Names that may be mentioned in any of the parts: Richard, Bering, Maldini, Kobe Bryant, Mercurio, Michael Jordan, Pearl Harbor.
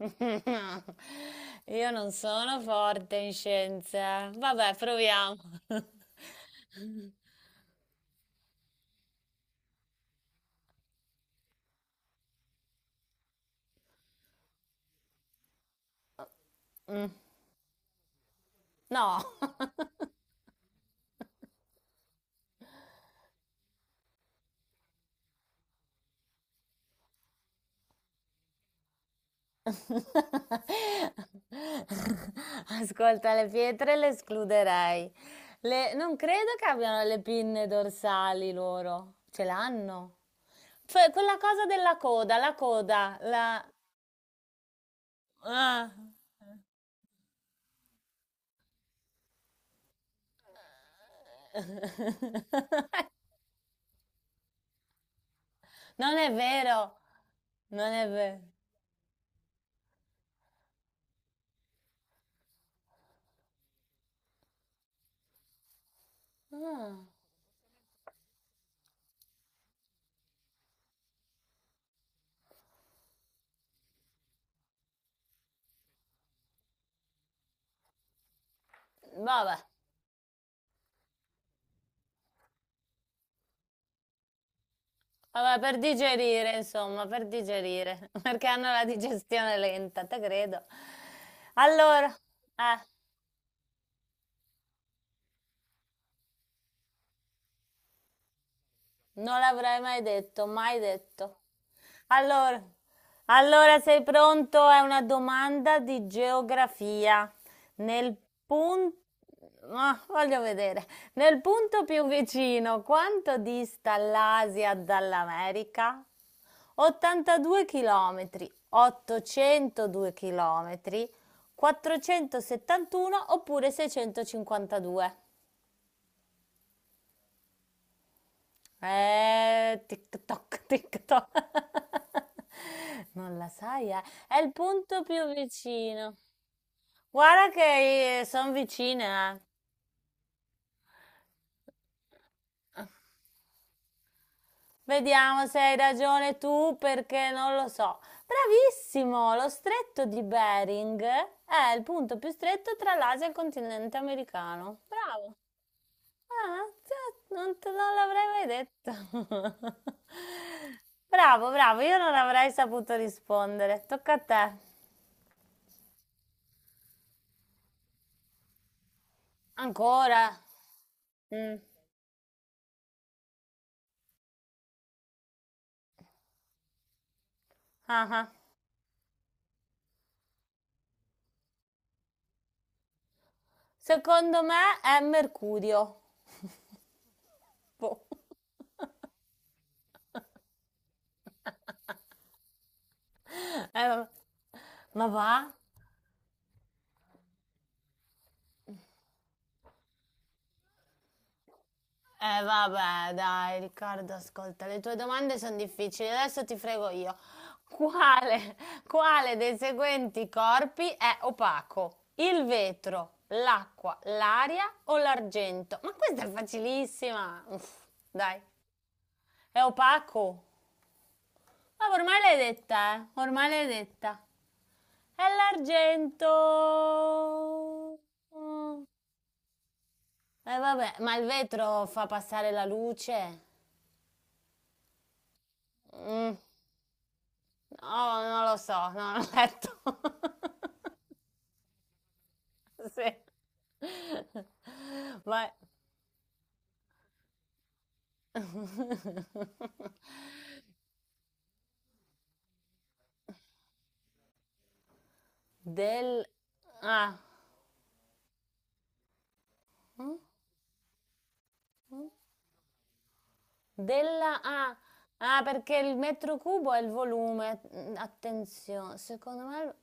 Io non sono forte in scienza. Vabbè, proviamo. No. Ascolta, le pietre le escluderei. Non credo che abbiano le pinne dorsali loro. Ce l'hanno. Cioè, quella cosa della coda, la coda, la. Ah. Non è vero. Non è vero. Ah. Vabbè. Vabbè, per digerire, insomma, per digerire, perché hanno la digestione lenta, te credo. Allora, eh, non l'avrei mai detto, mai detto. Allora, allora sei pronto? È una domanda di geografia. Nel punto, ah, voglio vedere, nel punto più vicino, quanto dista l'Asia dall'America? 82 chilometri, 802 chilometri, 471 oppure 652. Tic-toc, tic-toc. Non la sai, eh? È il punto più vicino. Guarda che sono vicina, eh. Vediamo se hai ragione tu perché non lo so. Bravissimo, lo stretto di Bering è il punto più stretto tra l'Asia e il continente americano. Bravo. Ah, cioè, non te non l'avrei mai detto. Bravo, bravo, io non avrei saputo rispondere. Tocca a te. Ancora? Mm. Ah ah. Secondo me è Mercurio. Boh. Eh, va- ma va? Eh vabbè, dai, Riccardo, ascolta, le tue domande sono difficili, adesso ti frego io. Quale, quale dei seguenti corpi è opaco? Il vetro, l'acqua, l'aria o l'argento? Ma questa è facilissima. Uff, dai, è opaco. Ma ormai l'hai detta, eh? Ormai l'hai detta. È l'argento. Mm. Vabbè, ma il vetro fa passare la luce? Mm. No, non lo so, non ho letto. Sì. Vai. Del. Ah. Mm? Mm? Della. Ah. Ah, perché il metro cubo è il volume. Mm, attenzione, secondo me.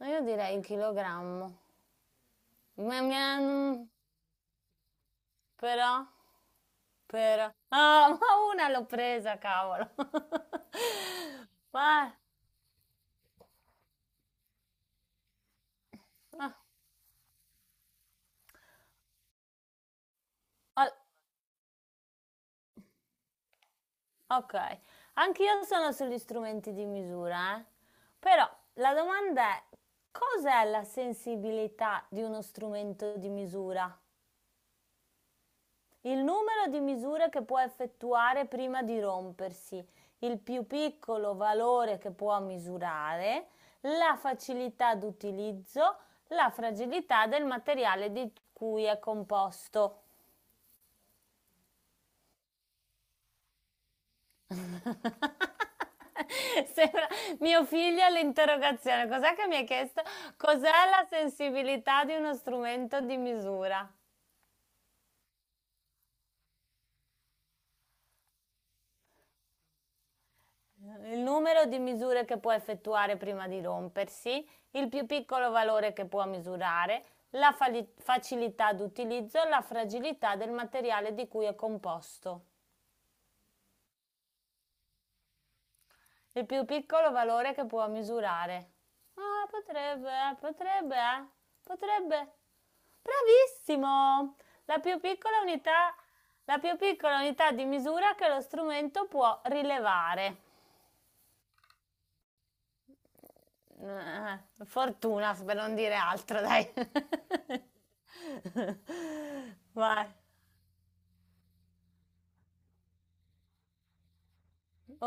No, io direi il chilogrammo. Ma- ma- mm, Però, Ah, oh, ma una l'ho presa, cavolo. Ma, ah, ah, ok, anch'io sono sugli strumenti di misura, eh. Però la domanda è, cos'è la sensibilità di uno strumento di misura? Il numero di misure che può effettuare prima di rompersi, il più piccolo valore che può misurare, la facilità d'utilizzo, la fragilità del materiale di cui è composto. Sembra mio figlio all'interrogazione. Cos'è che mi ha chiesto? Cos'è la sensibilità di uno strumento di misura? Il numero di misure che può effettuare prima di rompersi, il più piccolo valore che può misurare, la facilità d'utilizzo, la fragilità del materiale di cui è composto. Il più piccolo valore che può misurare. Ah, potrebbe. Bravissimo! La più piccola unità, la più piccola unità di misura che lo strumento può rilevare. Eh, fortuna, per non dire altro, dai. Vai.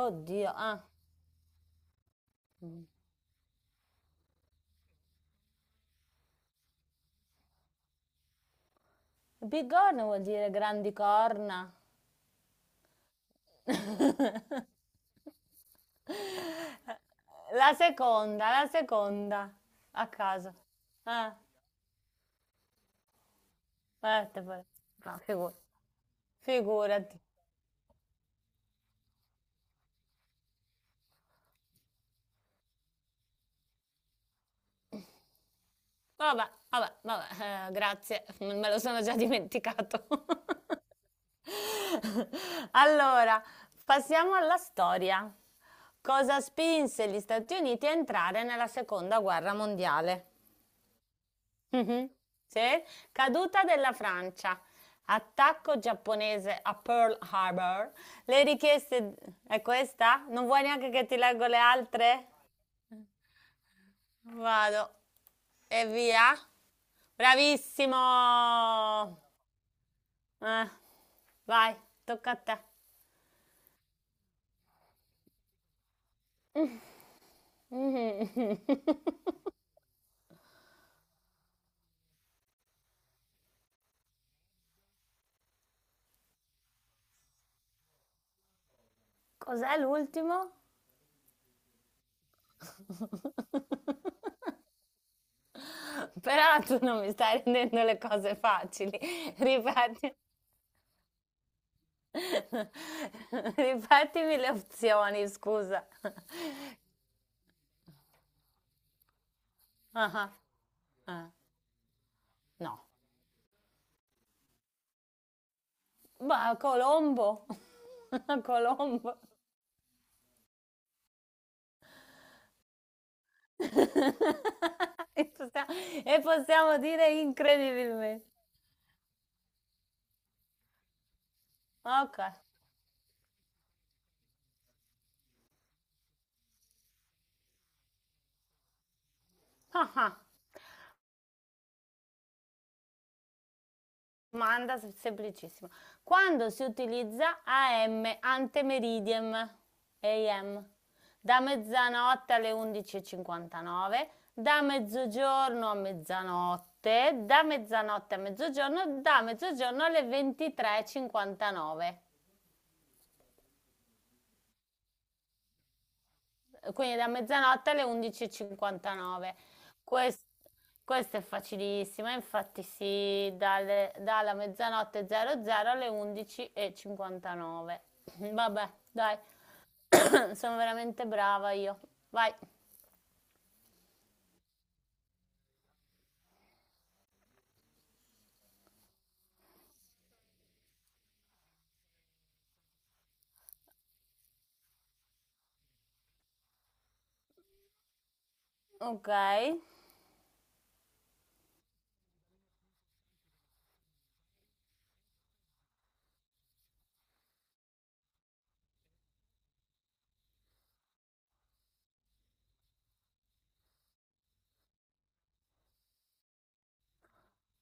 Oddio, ah. Bigorna vuol dire grandi corna. La seconda, a caso. Ah, guardate pure. No, figurati. Vabbè, vabbè, vabbè, grazie, me lo sono già dimenticato. Allora, passiamo alla storia. Cosa spinse gli Stati Uniti a entrare nella seconda guerra mondiale? Mhm. Sì? Caduta della Francia, attacco giapponese a Pearl Harbor, le richieste. È questa? Non vuoi neanche che ti leggo le altre? Vado. E via. Bravissimo. Eh, vai, tocca a te. Cos'è l'ultimo? Però tu non mi stai rendendo le cose facili. Ripeti. Ripetimi le opzioni, scusa. Ah, ah, ah, no. Ma Colombo. Colombo. E possiamo, e possiamo dire incredibilmente. Ok. Ah, ah, domanda semplicissima. Quando si utilizza AM, ante meridiem, AM, da mezzanotte alle 11.59, da mezzogiorno a mezzanotte, da mezzanotte a mezzogiorno, da mezzogiorno alle 23.59. Quindi da mezzanotte alle 11.59. Quest- Questo è facilissimo, infatti si dalla mezzanotte 00 alle 11.59. Vabbè, dai, sono veramente brava io. Vai. Ok.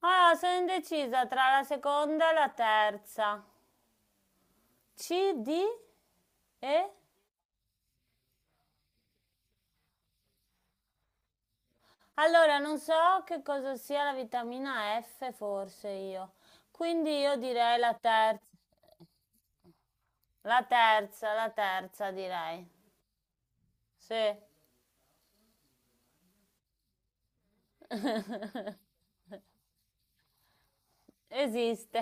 Allora, sono indecisa tra la seconda e la terza. C, D e. Allora, non so che cosa sia la vitamina F, forse io. Quindi io direi la terza. La terza, la terza direi. Sì. Esiste.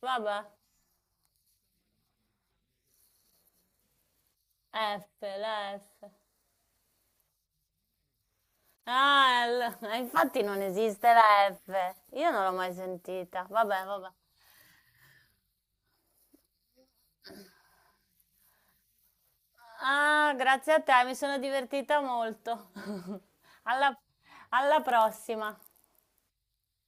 Vabbè. F, la F. Ah, l- infatti non esiste la F. Io non l'ho mai sentita. Vabbè, vabbè. Ah, grazie a te, mi sono divertita molto. alla alla prossima.